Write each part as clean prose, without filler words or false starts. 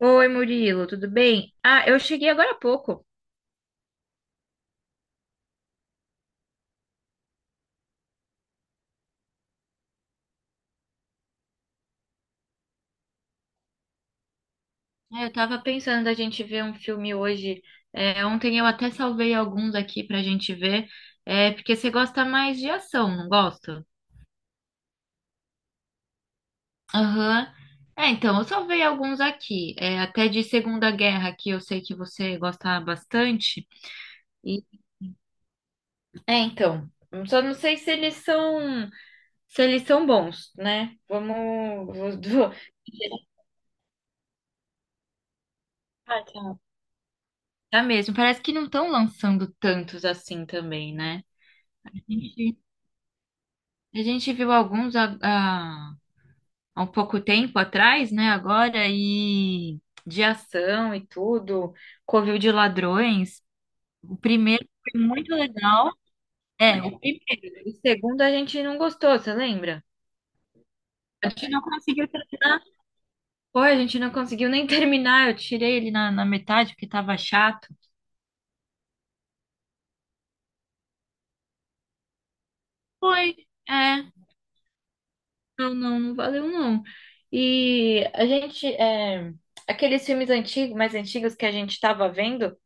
Oi, Murilo, tudo bem? Ah, eu cheguei agora há pouco. É, eu tava pensando da gente ver um filme hoje. É, ontem eu até salvei alguns aqui pra gente ver. É, porque você gosta mais de ação, não gosta? Aham. É, então, eu salvei alguns aqui. É, até de Segunda Guerra, que eu sei que você gosta bastante. E... É, então. Só não sei se eles são bons, né? Vamos. Vou- Tá mesmo. Parece que não estão lançando tantos assim também, né? A gente, a gente viu alguns há um pouco tempo atrás, né? Agora, e de ação e tudo, Covil de Ladrões. O primeiro foi muito legal. É, o primeiro. O segundo a gente não gostou, você lembra? A gente não conseguiu terminar. Foi, a gente não conseguiu nem terminar. Eu tirei ele na metade porque tava chato. Foi. É. Não, não, não valeu não. E a gente, aqueles filmes antigos, mais antigos que a gente estava vendo,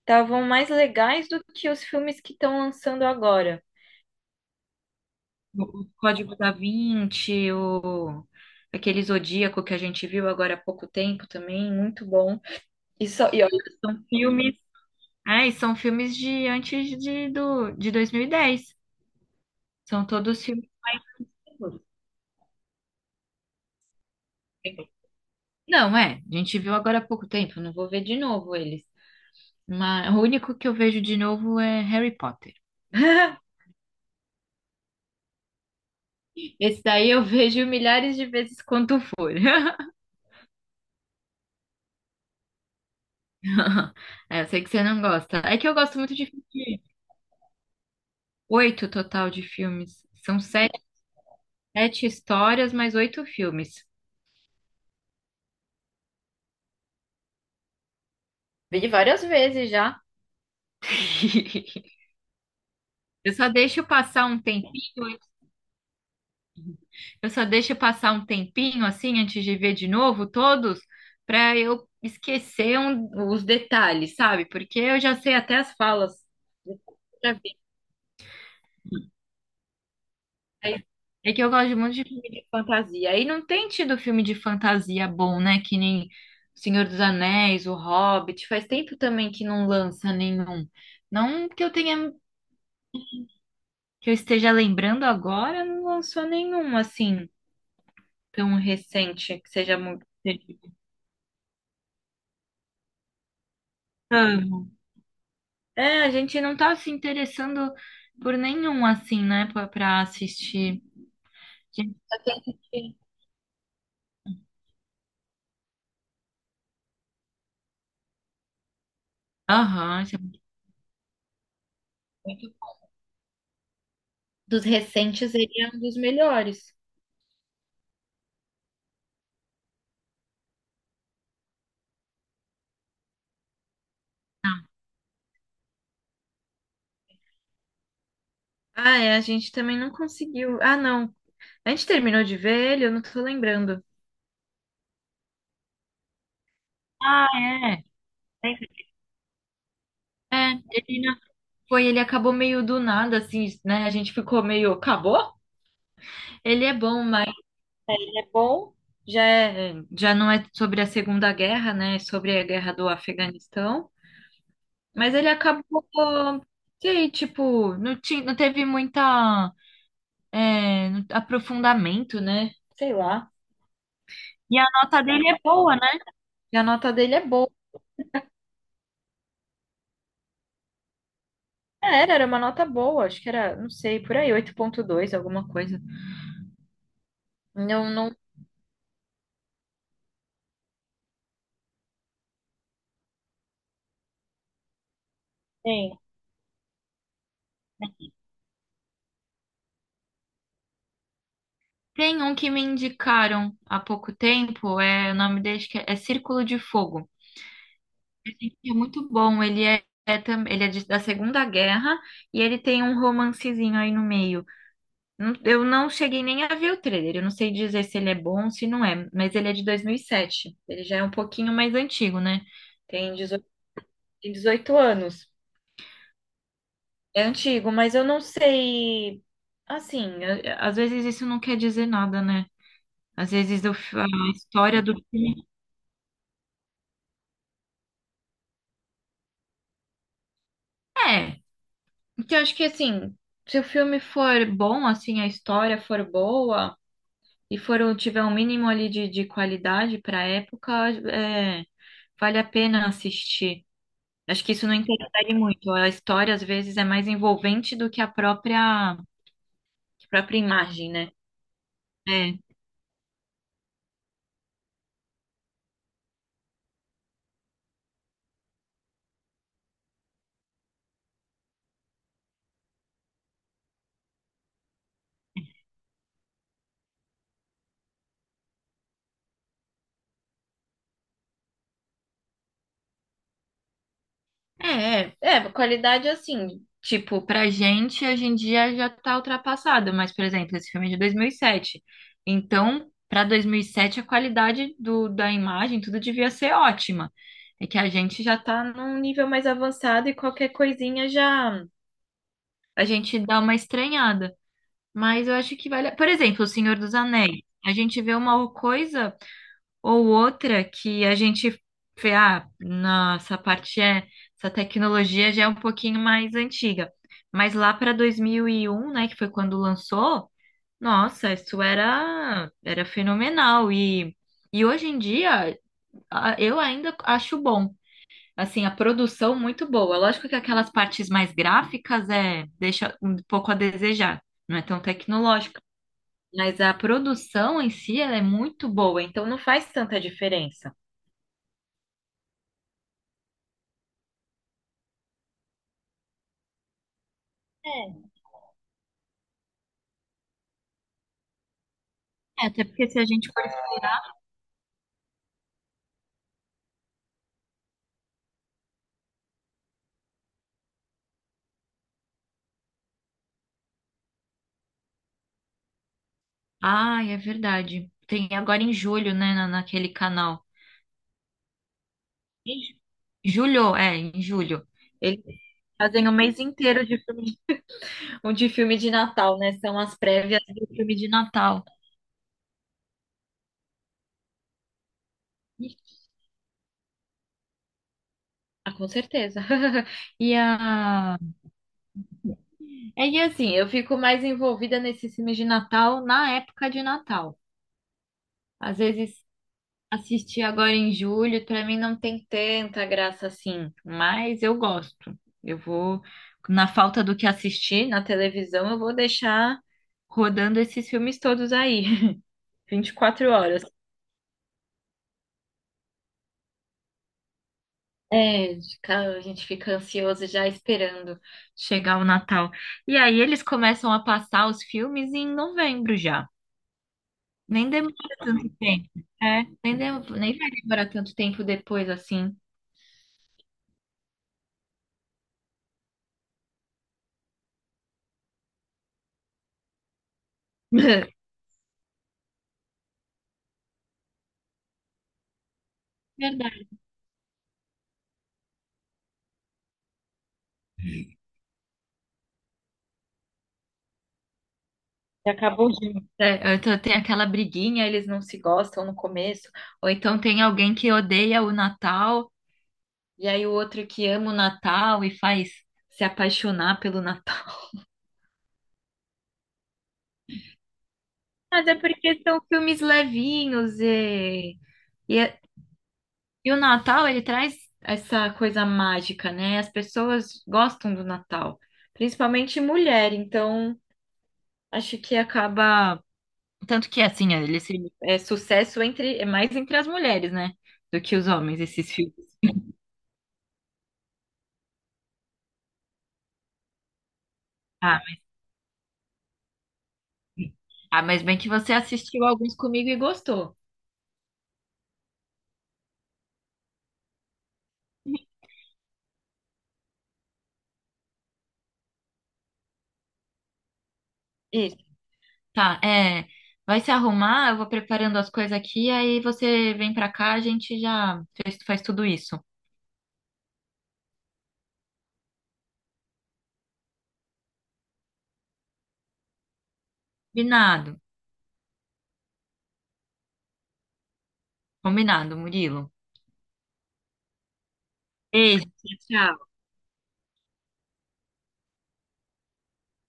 estavam mais legais do que os filmes que estão lançando agora. O Código da Vinci, o aquele Zodíaco que a gente viu agora há pouco tempo também, muito bom. E, só, e olha, são filmes, são filmes de antes de 2010. São todos filmes. Não, a gente viu agora há pouco tempo, não vou ver de novo eles. Mas o único que eu vejo de novo é Harry Potter. Esse daí eu vejo milhares de vezes quanto for. É, eu sei que você não gosta. É que eu gosto muito de filme. Oito total de filmes. São sete histórias, mais oito filmes. Vi várias vezes já. Eu só deixo passar um tempinho Eu só deixo passar um tempinho assim antes de ver de novo todos, para eu esquecer os detalhes, sabe? Porque eu já sei até as falas. De Outra vez. Aí- É que eu gosto muito de filme de fantasia. Aí não tem tido filme de fantasia bom, né? Que nem O Senhor dos Anéis, O Hobbit. Faz tempo também que não lança nenhum. Não que eu esteja lembrando agora, não lançou nenhum assim tão recente que seja muito. É, a gente não tá se interessando por nenhum, assim, né, pra assistir. A gente só quer assistir. Aham, isso é muito bom. Dos recentes, ele é um dos melhores. Ah, é, a gente também não conseguiu. Ah, não. A gente terminou de ver ele, eu não tô lembrando. Ah, é. É, ele não- foi, ele acabou meio do nada, assim, né? A gente ficou meio, acabou? Ele é bom, mas é bom. Já não é sobre a Segunda Guerra, né? É sobre a guerra do Afeganistão. Mas ele acabou, sei, tipo, não, não teve muita aprofundamento, né? Sei lá. E a nota dele é boa, né? E a nota dele é boa. Era uma nota boa, acho que era, não sei, por aí, 8,2, alguma coisa. Não, não tem. Tem um que me indicaram há pouco tempo, o nome dele acho que é Círculo de Fogo. Esse aqui é muito bom, ele é da Segunda Guerra e ele tem um romancezinho aí no meio. Eu não cheguei nem a ver o trailer. Eu não sei dizer se ele é bom ou se não é, mas ele é de 2007. Ele já é um pouquinho mais antigo, né? Tem 18 tem 18 anos. É antigo, mas eu não sei. Assim, às vezes isso não quer dizer nada, né? Às vezes eu a história do filme. É. Então, eu acho que assim, se o filme for bom, assim, a história for boa e for tiver um mínimo ali de qualidade para época, é, vale a pena assistir. Acho que isso não interfere muito. A história, às vezes, é mais envolvente do que a própria imagem, né? É, qualidade assim. Tipo, pra gente, hoje em dia já tá ultrapassada. Mas, por exemplo, esse filme é de 2007. Então, pra 2007, a qualidade da imagem, tudo devia ser ótima. É que a gente já tá num nível mais avançado e qualquer coisinha já. A gente dá uma estranhada. Mas eu acho que vale. Por exemplo, O Senhor dos Anéis. A gente vê uma coisa ou outra que a gente vê, ah, nossa, parte é, essa tecnologia já é um pouquinho mais antiga. Mas lá para 2001, né, que foi quando lançou, nossa, isso era fenomenal e hoje em dia eu ainda acho bom. Assim, a produção muito boa. Lógico que aquelas partes mais gráficas deixa um pouco a desejar. Não é tão tecnológico, mas a produção em si, ela é muito boa, então não faz tanta diferença. É, até porque se a gente for. Ai, é verdade. Tem agora em julho, né, naquele canal. Em ju- Julho, é, em julho. Eles fazem o mês inteiro de filme, um de filme de Natal, né? São as prévias do filme de Natal. Ih, ah, com certeza. E a... e assim, eu fico mais envolvida nesses filmes de Natal na época de Natal. Às vezes. Assisti agora em julho, pra mim não tem tanta graça assim, mas eu gosto. Na falta do que assistir na televisão, eu vou deixar rodando esses filmes todos aí, 24 horas. A gente fica ansioso já esperando chegar o Natal. E aí eles começam a passar os filmes em novembro já. Nem demora tanto tempo. É, nem vai demorar tanto tempo depois assim. Verdade. E acabou junto. É, ou então tem aquela briguinha, eles não se gostam no começo, ou então tem alguém que odeia o Natal, e aí o outro que ama o Natal e faz se apaixonar pelo Natal. Mas é porque são filmes levinhos e, é- e o Natal ele traz essa coisa mágica, né? As pessoas gostam do Natal, principalmente mulher, então acho que acaba. Tanto que, assim, ele se, é sucesso é mais entre as mulheres, né? Do que os homens, esses filmes. Ah, ah, mas bem que você assistiu alguns comigo e gostou. Isso. Tá, é. Vai se arrumar, eu vou preparando as coisas aqui, aí você vem pra cá, a gente já faz tudo isso. Combinado, combinado, Murilo. Beijo, tchau.